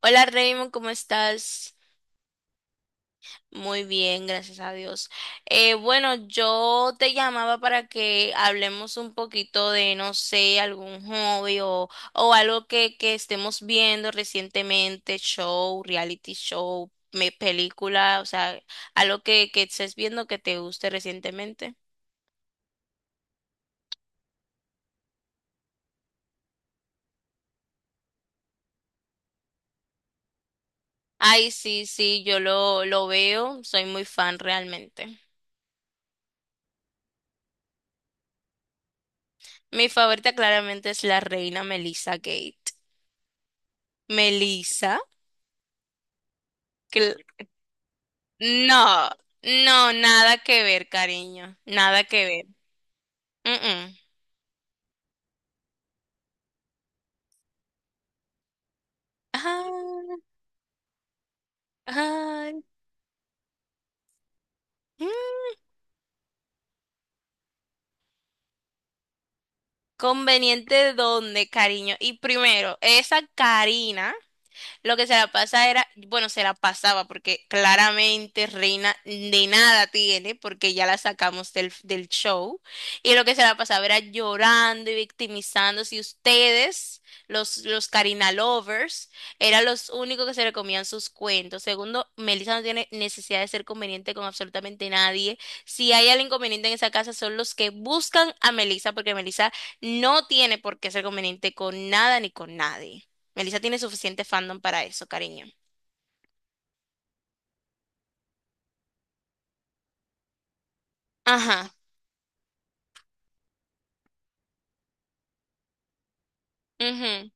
Hola Raymond, ¿cómo estás? Muy bien, gracias a Dios. Bueno, yo te llamaba para que hablemos un poquito de, no sé, algún hobby o algo que estemos viendo recientemente, show, reality show, película, o sea, algo que estés viendo que te guste recientemente. Ay, sí, sí, yo lo veo, soy muy fan realmente. Mi favorita claramente es la reina Melissa Gate. Melissa. No, no, nada que ver, cariño, nada que ver. Mm, mm. Ay, ay, mm. ¿Conveniente dónde, cariño? Y primero, esa Karina. Lo que se la pasa era, bueno, se la pasaba porque claramente Reina de nada tiene porque ya la sacamos del show. Y lo que se la pasaba era llorando y victimizándose. Y ustedes, los Karina lovers, eran los únicos que se le comían sus cuentos. Segundo, Melissa no tiene necesidad de ser conveniente con absolutamente nadie. Si hay alguien inconveniente en esa casa son los que buscan a Melissa porque Melissa no tiene por qué ser conveniente con nada ni con nadie. Melissa tiene suficiente fandom para eso, cariño. Ajá. Ujú.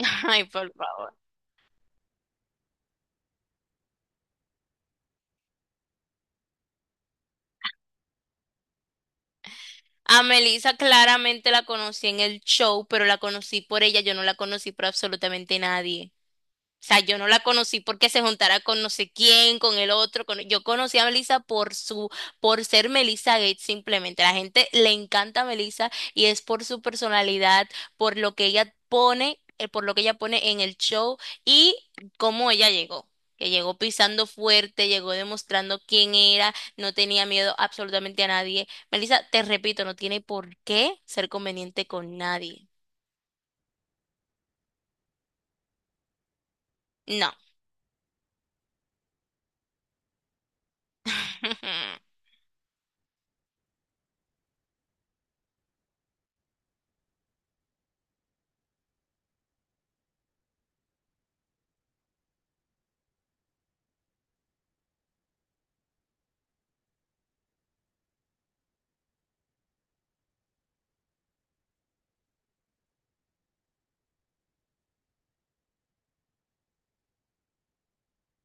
Ay, por favor. A Melissa claramente la conocí en el show, pero la conocí por ella, yo no la conocí por absolutamente nadie. O sea, yo no la conocí porque se juntara con no sé quién, con el otro. Yo conocí a Melissa por ser Melissa Gates simplemente. La gente le encanta a Melissa y es por su personalidad, por lo que ella pone, por lo que ella pone en el show y cómo ella llegó. Que llegó pisando fuerte, llegó demostrando quién era, no tenía miedo absolutamente a nadie. Melissa, te repito, no tiene por qué ser conveniente con nadie. No.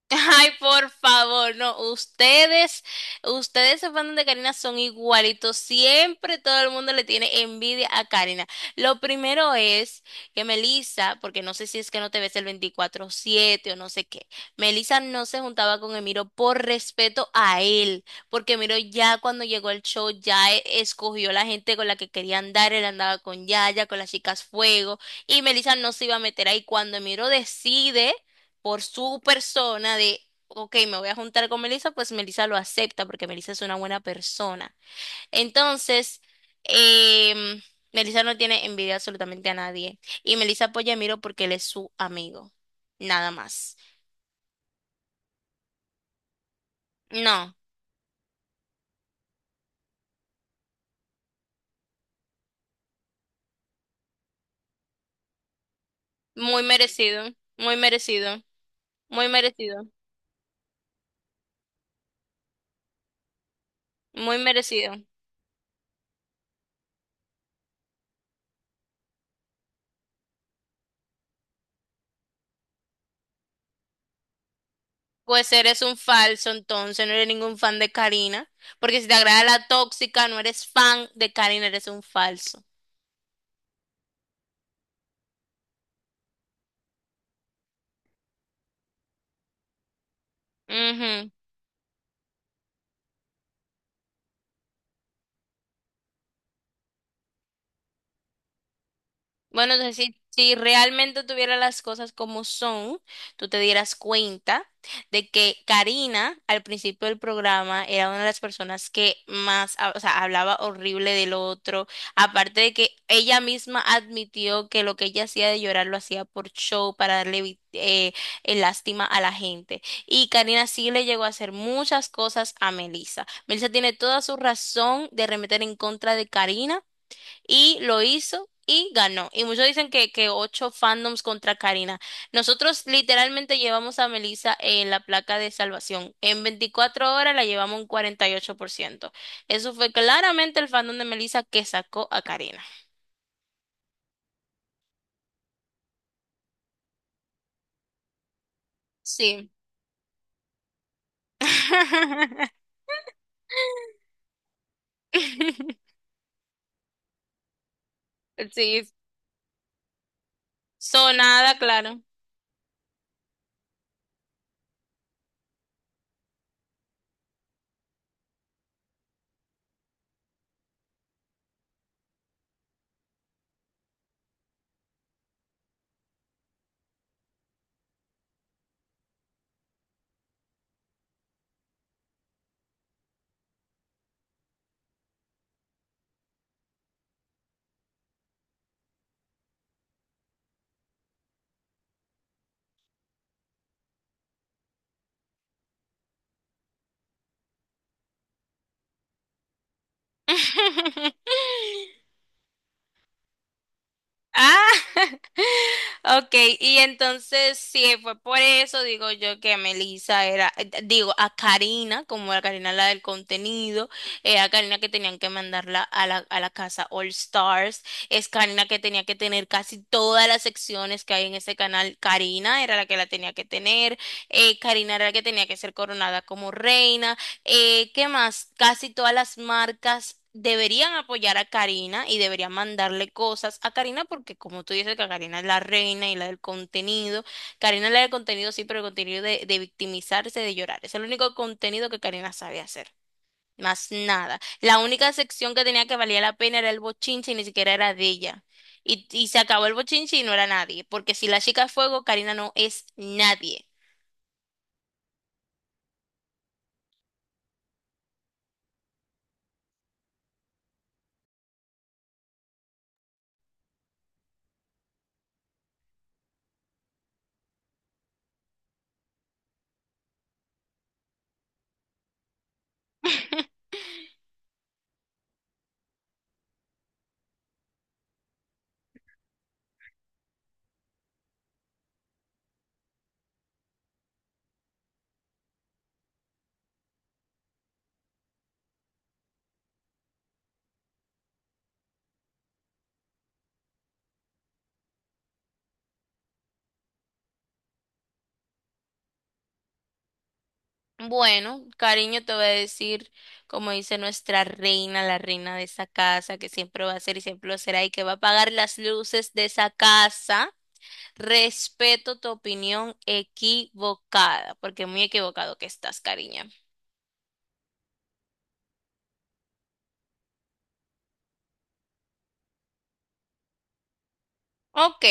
Ay, por favor, no, ustedes se fans de Karina son igualitos, siempre todo el mundo le tiene envidia a Karina. Lo primero es que Melissa, porque no sé si es que no te ves el 24/7 o no sé qué, Melissa no se juntaba con Emiro por respeto a él, porque Emiro ya cuando llegó al show ya escogió la gente con la que quería andar, él andaba con Yaya, con las chicas Fuego, y Melissa no se iba a meter ahí cuando Emiro decide por su persona de, ok, me voy a juntar con Melissa, pues Melissa lo acepta porque Melissa es una buena persona. Entonces, em, Melissa no tiene envidia absolutamente a nadie. Y Melissa apoya a Miro porque él es su amigo. Nada más. No, muy merecido, muy merecido, muy merecido, muy merecido. Pues eres un falso entonces, no eres ningún fan de Karina, porque si te agrada la tóxica, no eres fan de Karina, eres un falso. Ujú. Bueno, entonces si realmente tuviera las cosas como son, tú te dieras cuenta de que Karina al principio del programa era una de las personas que más, o sea, hablaba horrible del otro, aparte de que ella misma admitió que lo que ella hacía de llorar lo hacía por show, para darle lástima a la gente. Y Karina sí le llegó a hacer muchas cosas a Melissa. Melissa tiene toda su razón de remeter en contra de Karina y lo hizo y ganó. Y muchos dicen que ocho fandoms contra Karina. Nosotros literalmente llevamos a Melissa en la placa de salvación. En 24 horas la llevamos un 48%. Eso fue claramente el fandom de Melissa que sacó a Karina. Sí. Sí, sonada, claro. Ah. Ok, y entonces sí, fue por eso, digo yo, que a Melissa era, digo, a Karina, como a Karina la del contenido, a Karina que tenían que mandarla a la casa All Stars, es Karina que tenía que tener casi todas las secciones que hay en ese canal, Karina era la que la tenía que tener, Karina era la que tenía que ser coronada como reina, ¿qué más? Casi todas las marcas deberían apoyar a Karina y deberían mandarle cosas a Karina porque como tú dices que Karina es la reina y la del contenido, Karina es la del contenido sí, pero el contenido de victimizarse, de llorar. Es el único contenido que Karina sabe hacer. Más nada. La única sección que tenía que valía la pena era el bochinche y ni siquiera era de ella. Y se acabó el bochinche y no era nadie, porque si la chica es fuego, Karina no es nadie. Bueno, cariño, te voy a decir, como dice nuestra reina, la reina de esa casa, que siempre va a ser y siempre lo será, y que va a pagar las luces de esa casa. Respeto tu opinión equivocada, porque muy equivocado que estás, cariño. Ok.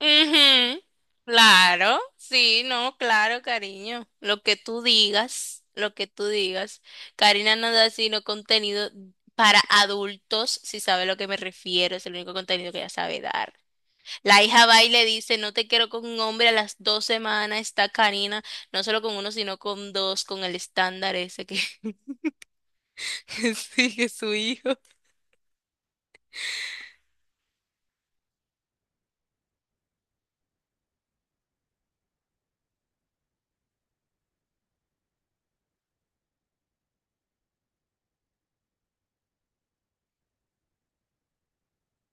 Ujú, claro, sí, no, claro, cariño. Lo que tú digas, lo que tú digas. Karina no da sino contenido para adultos, si sabe a lo que me refiero, es el único contenido que ella sabe dar. La hija va y le dice, no te quiero con un hombre a las 2 semanas, está Karina, no solo con uno, sino con dos, con el estándar ese que que sigue su hijo.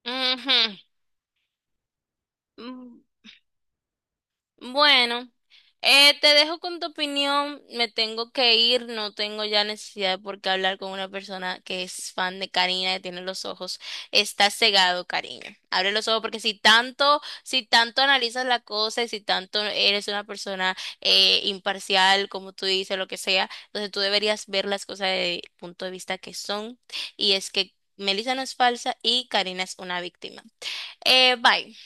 Ujú. Mm. Bueno, te dejo con tu opinión. Me tengo que ir, no tengo ya necesidad de por qué hablar con una persona que es fan de Karina, que tiene los ojos. Está cegado, Karina. Abre los ojos porque si tanto, si tanto analizas la cosa y si tanto eres una persona imparcial, como tú dices, lo que sea, entonces tú deberías ver las cosas desde el punto de vista que son. Y es que Melissa no es falsa y Karina es una víctima. Bye.